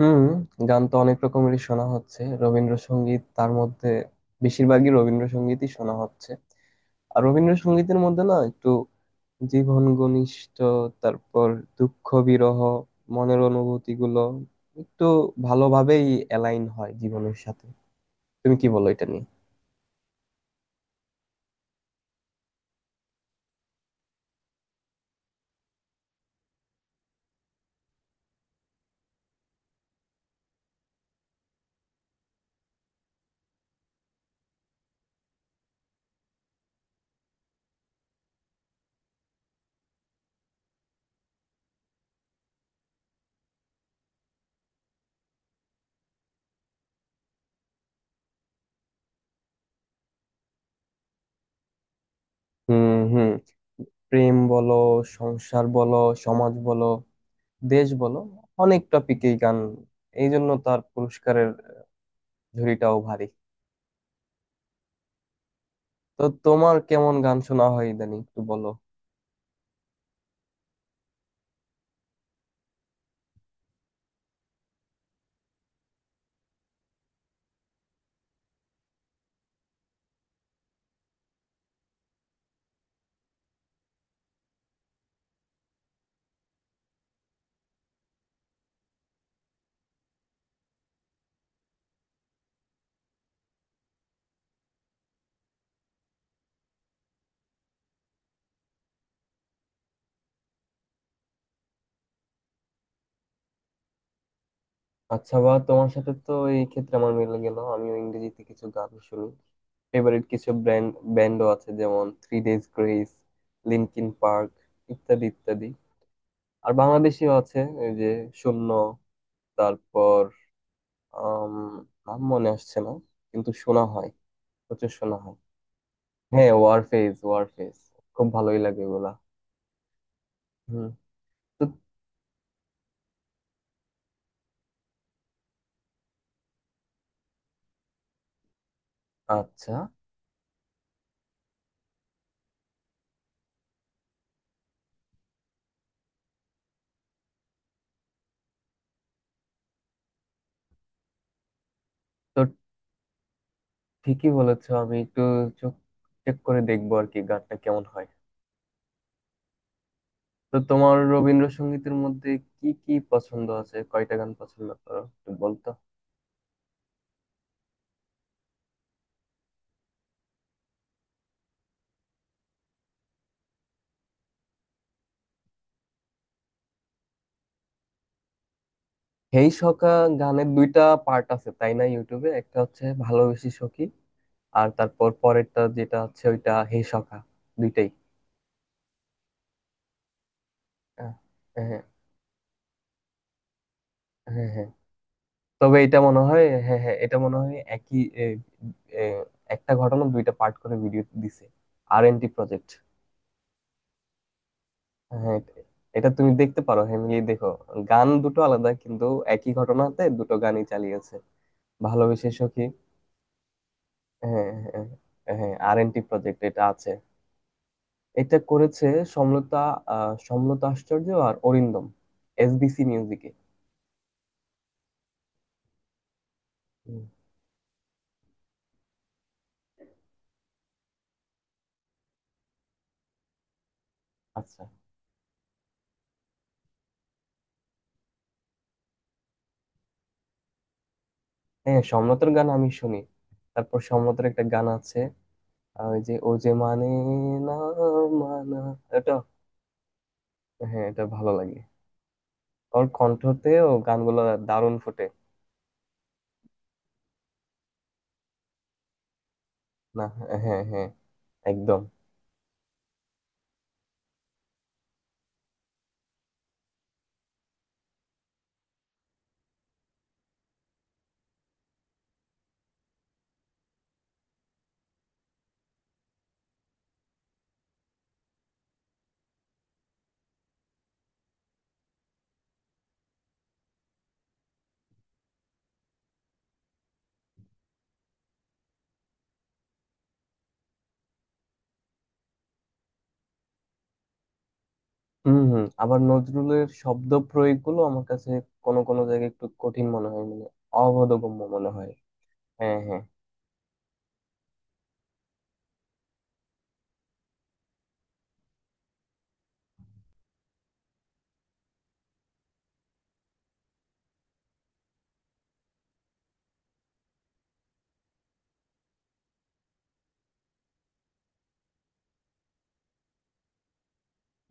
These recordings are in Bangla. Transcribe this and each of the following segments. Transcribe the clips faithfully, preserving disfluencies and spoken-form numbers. হুম। গান তো অনেক রকমেরই শোনা হচ্ছে, রবীন্দ্রসঙ্গীত তার মধ্যে বেশিরভাগই। রবীন্দ্রসঙ্গীতই শোনা হচ্ছে। আর রবীন্দ্রসঙ্গীতের মধ্যে না, একটু জীবন ঘনিষ্ঠ, তারপর দুঃখ বিরহ, মনের অনুভূতি গুলো একটু ভালোভাবেই অ্যালাইন হয় জীবনের সাথে। তুমি কি বলো এটা নিয়ে? হুম, হুম। প্রেম বলো, সংসার বলো, সমাজ বলো, দেশ বলো, অনেক টপিকেই গান। এই জন্য তার পুরস্কারের ঝুড়িটাও ভারী। তো তোমার কেমন গান শোনা হয় ইদানিং, একটু বলো। আচ্ছা, বা তোমার সাথে তো এই ক্ষেত্রে আমার মিলে গেল। আমিও ইংরেজিতে কিছু গান শুনি। ফেভারিট কিছু ব্র্যান্ড, ব্যান্ডও আছে, যেমন Three Days Grace, Linkin Park, ইত্যাদি ইত্যাদি। আর বাংলাদেশিও আছে, এই যে শূন্য, তারপর আম, নাম মনে আসছে না, কিন্তু শোনা হয়, প্রচুর শোনা হয়। হ্যাঁ, ওয়ারফেজ, ওয়ারফেজ, খুব ভালোই লাগে এগুলা। হুম। তো আচ্ছা, তো ঠিকই বলেছো। আমি একটু চোখ, চেক করে দেখবো আর কি গানটা কেমন হয়। তো তোমার রবীন্দ্রসঙ্গীতের মধ্যে কি কি পছন্দ আছে, কয়টা গান পছন্দ করো, একটু বলতো। হেই সখা গানের দুইটা পার্ট আছে, তাই না? ইউটিউবে একটা হচ্ছে ভালোবেসে সখী, আর তারপর পরেরটা যেটা হচ্ছে ওইটা হেই সখা, দুইটাই। হ্যাঁ, হ্যাঁ। হ্যাঁ, হ্যাঁ। তবে এটা মনে হয়, হ্যাঁ হ্যাঁ, এটা মনে হয় একই, এ, এ, একটা ঘটনা দুইটা পার্ট করে ভিডিও দিছে আর এন টি প্রজেক্ট। হ্যাঁ, এট- এটা তুমি দেখতে পারো, হ্যামিলি দেখো। গান দুটো আলাদা, কিন্তু একই ঘটনাতে দুটো গানই চালিয়েছে। ভালোবেসে সখী, হ্যাঁ হ্যাঁ, হ্যাঁ। আর এন টি প্রজেক্ট, এটা আছে। এটা করেছে সমলতা। আহ, সমলতা আশ্চর্য আর অরিন্দম, এসবিসি মিউজিকে। হুম। আচ্ছা। হ্যাঁ, সমলতার গান আমি শুনি। তারপর সমলতার একটা গান আছে, আহ, ওই যে, ও যে মানে না, মানা, এটা। হ্যাঁ, এটা ভালো লাগে। ওর কণ্ঠতে ও গানগুলো দারুণ ফুটে। না, হ্যাঁ হ্যাঁ, একদম। হুম হুম। আবার নজরুলের শব্দ প্রয়োগগুলো আমার কাছে কোনো কোনো জায়গায় একটু কঠিন মনে হয়, মানে অবোধগম্য মনে হয়। হ্যাঁ হ্যাঁ।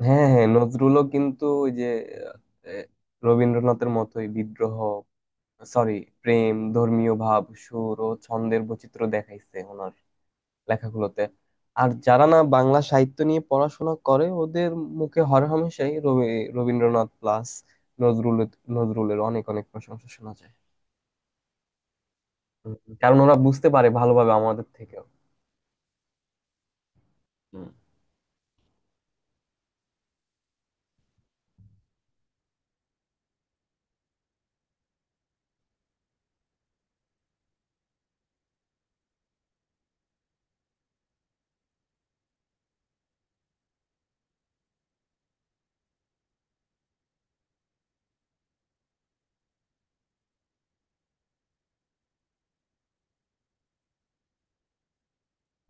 হ্যাঁ হ্যাঁ, নজরুলও কিন্তু ওই যে, আহ, রবীন্দ্রনাথের মতোই বিদ্রোহ, সরি, প্রেম, ধর্মীয় ভাব, সুর ও ছন্দের বৈচিত্র্য দেখাইছে ওনার লেখাগুলোতে। আর যারা না বাংলা সাহিত্য নিয়ে পড়াশোনা করে, ওদের মুখে হরহামেশাই রবি- রবীন্দ্রনাথ প্লাস নজরুল, নজরুলের অনেক অনেক প্রশংসা শোনা যায়। হুম। কারণ ওরা বুঝতে পারে ভালোভাবে আমাদের থেকেও। হুম।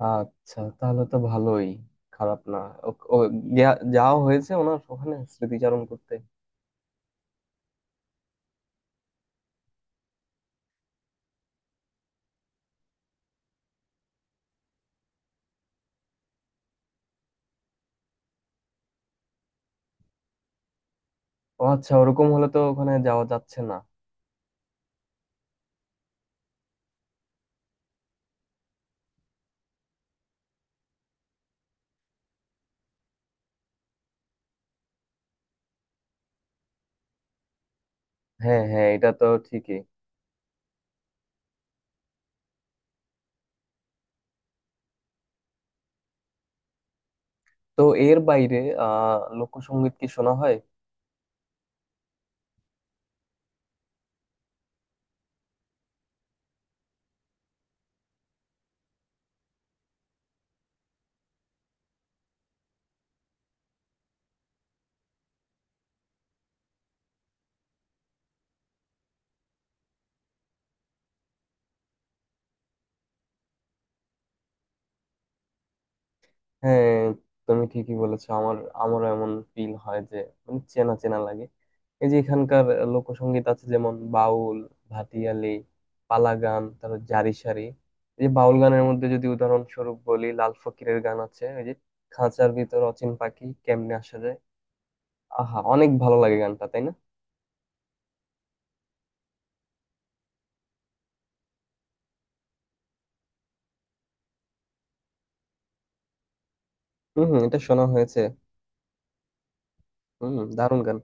আচ্ছা, তাহলে তো ভালোই, খারাপ না। ও, ও, গিয়া- যাওয়া হয়েছে ওনার ওখানে স্মৃতিচারণ করতে? ও আচ্ছা, ওরকম হলে তো ওখানে যাওয়া যাচ্ছে না। হ্যাঁ হ্যাঁ, এটা তো ঠিকই। তো এর বাইরে আহ লোকসঙ্গীত কি শোনা হয়? হ্যাঁ, তুমি ঠিকই বলেছো। আমার, আমারও এমন ফিল হয় যে, মানে চেনা চেনা লাগে। এই যে এখানকার লোকসঙ্গীত আছে, যেমন বাউল, ভাটিয়ালি, পালা গান, তারপর জারি সারি। এই যে বাউল গানের মধ্যে যদি উদাহরণস্বরূপ বলি, লাল ফকিরের গান আছে, ওই যে খাঁচার ভিতর অচিন পাখি কেমনে আসা যায়। আহা, অনেক ভালো লাগে গানটা, তাই না? হম হম, এটা শোনা হয়েছে। হম, দারুণ গান।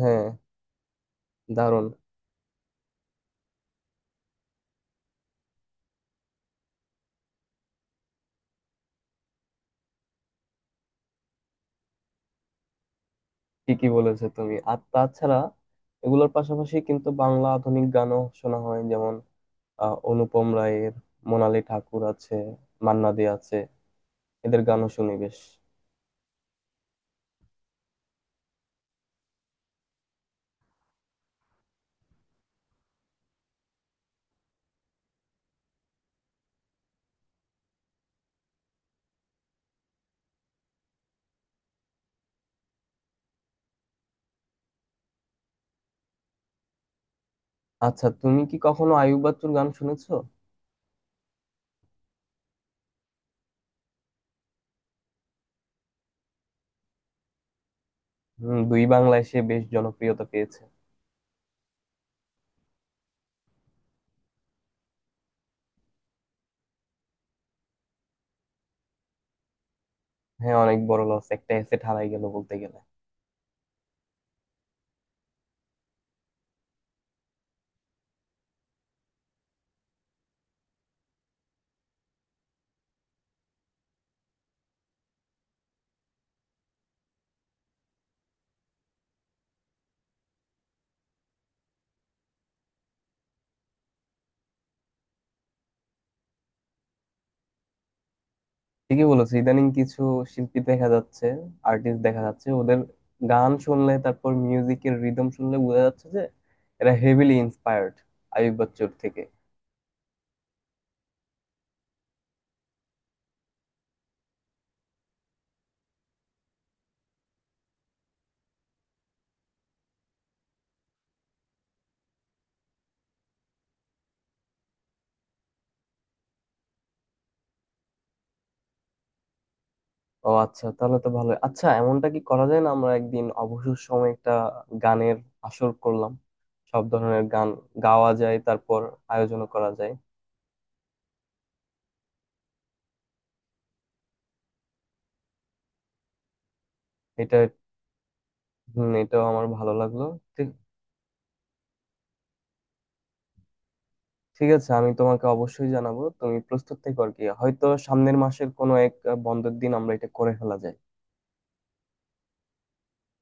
হ্যাঁ, দারুণ। ঠিকই বলেছো তুমি। আর তাছাড়া এগুলোর পাশাপাশি কিন্তু বাংলা আধুনিক গানও শোনা হয়। আহ, অনুপম রায়ের, মোনালি ঠাকুর আছে, মান্না দে আছে, এদের গানও শুনি বেশ। আচ্ছা, তুমি কি কখনো আইয়ুব বাচ্চুর গান শুনেছো? হম, দুই বাংলায় সে বেশ জনপ্রিয়তা পেয়েছে। হ্যাঁ, অনেক বড় লস, একটা এসেট হারাই গেল বলতে গেলে। ঠিকই বলেছো। ইদানিং কিছু শিল্পী দেখা যাচ্ছে, আর্টিস্ট দেখা যাচ্ছে, ওদের গান শুনলে, তারপর মিউজিকের রিদম শুনলে বোঝা যাচ্ছে যে এরা হেভিলি ইন্সপায়ার্ড আইয়ুব বাচ্চুর থেকে। ও আচ্ছা, তাহলে তো ভালো। আচ্ছা, এমনটা কি করা যায় না, আমরা একদিন অবসর সময় একটা গানের আসর করলাম, সব ধরনের গান গাওয়া যায়, তারপর আয়োজন করা যায় এটা। হম, এটাও আমার ভালো লাগলো। ঠিক, ঠিক আছে, আমি তোমাকে অবশ্যই জানাবো। তুমি প্রস্তুত থেকো আর কি, হয়তো সামনের মাসের কোনো এক আহ, বন্ধের দিন আমরা এটা করে ফেলা যায়।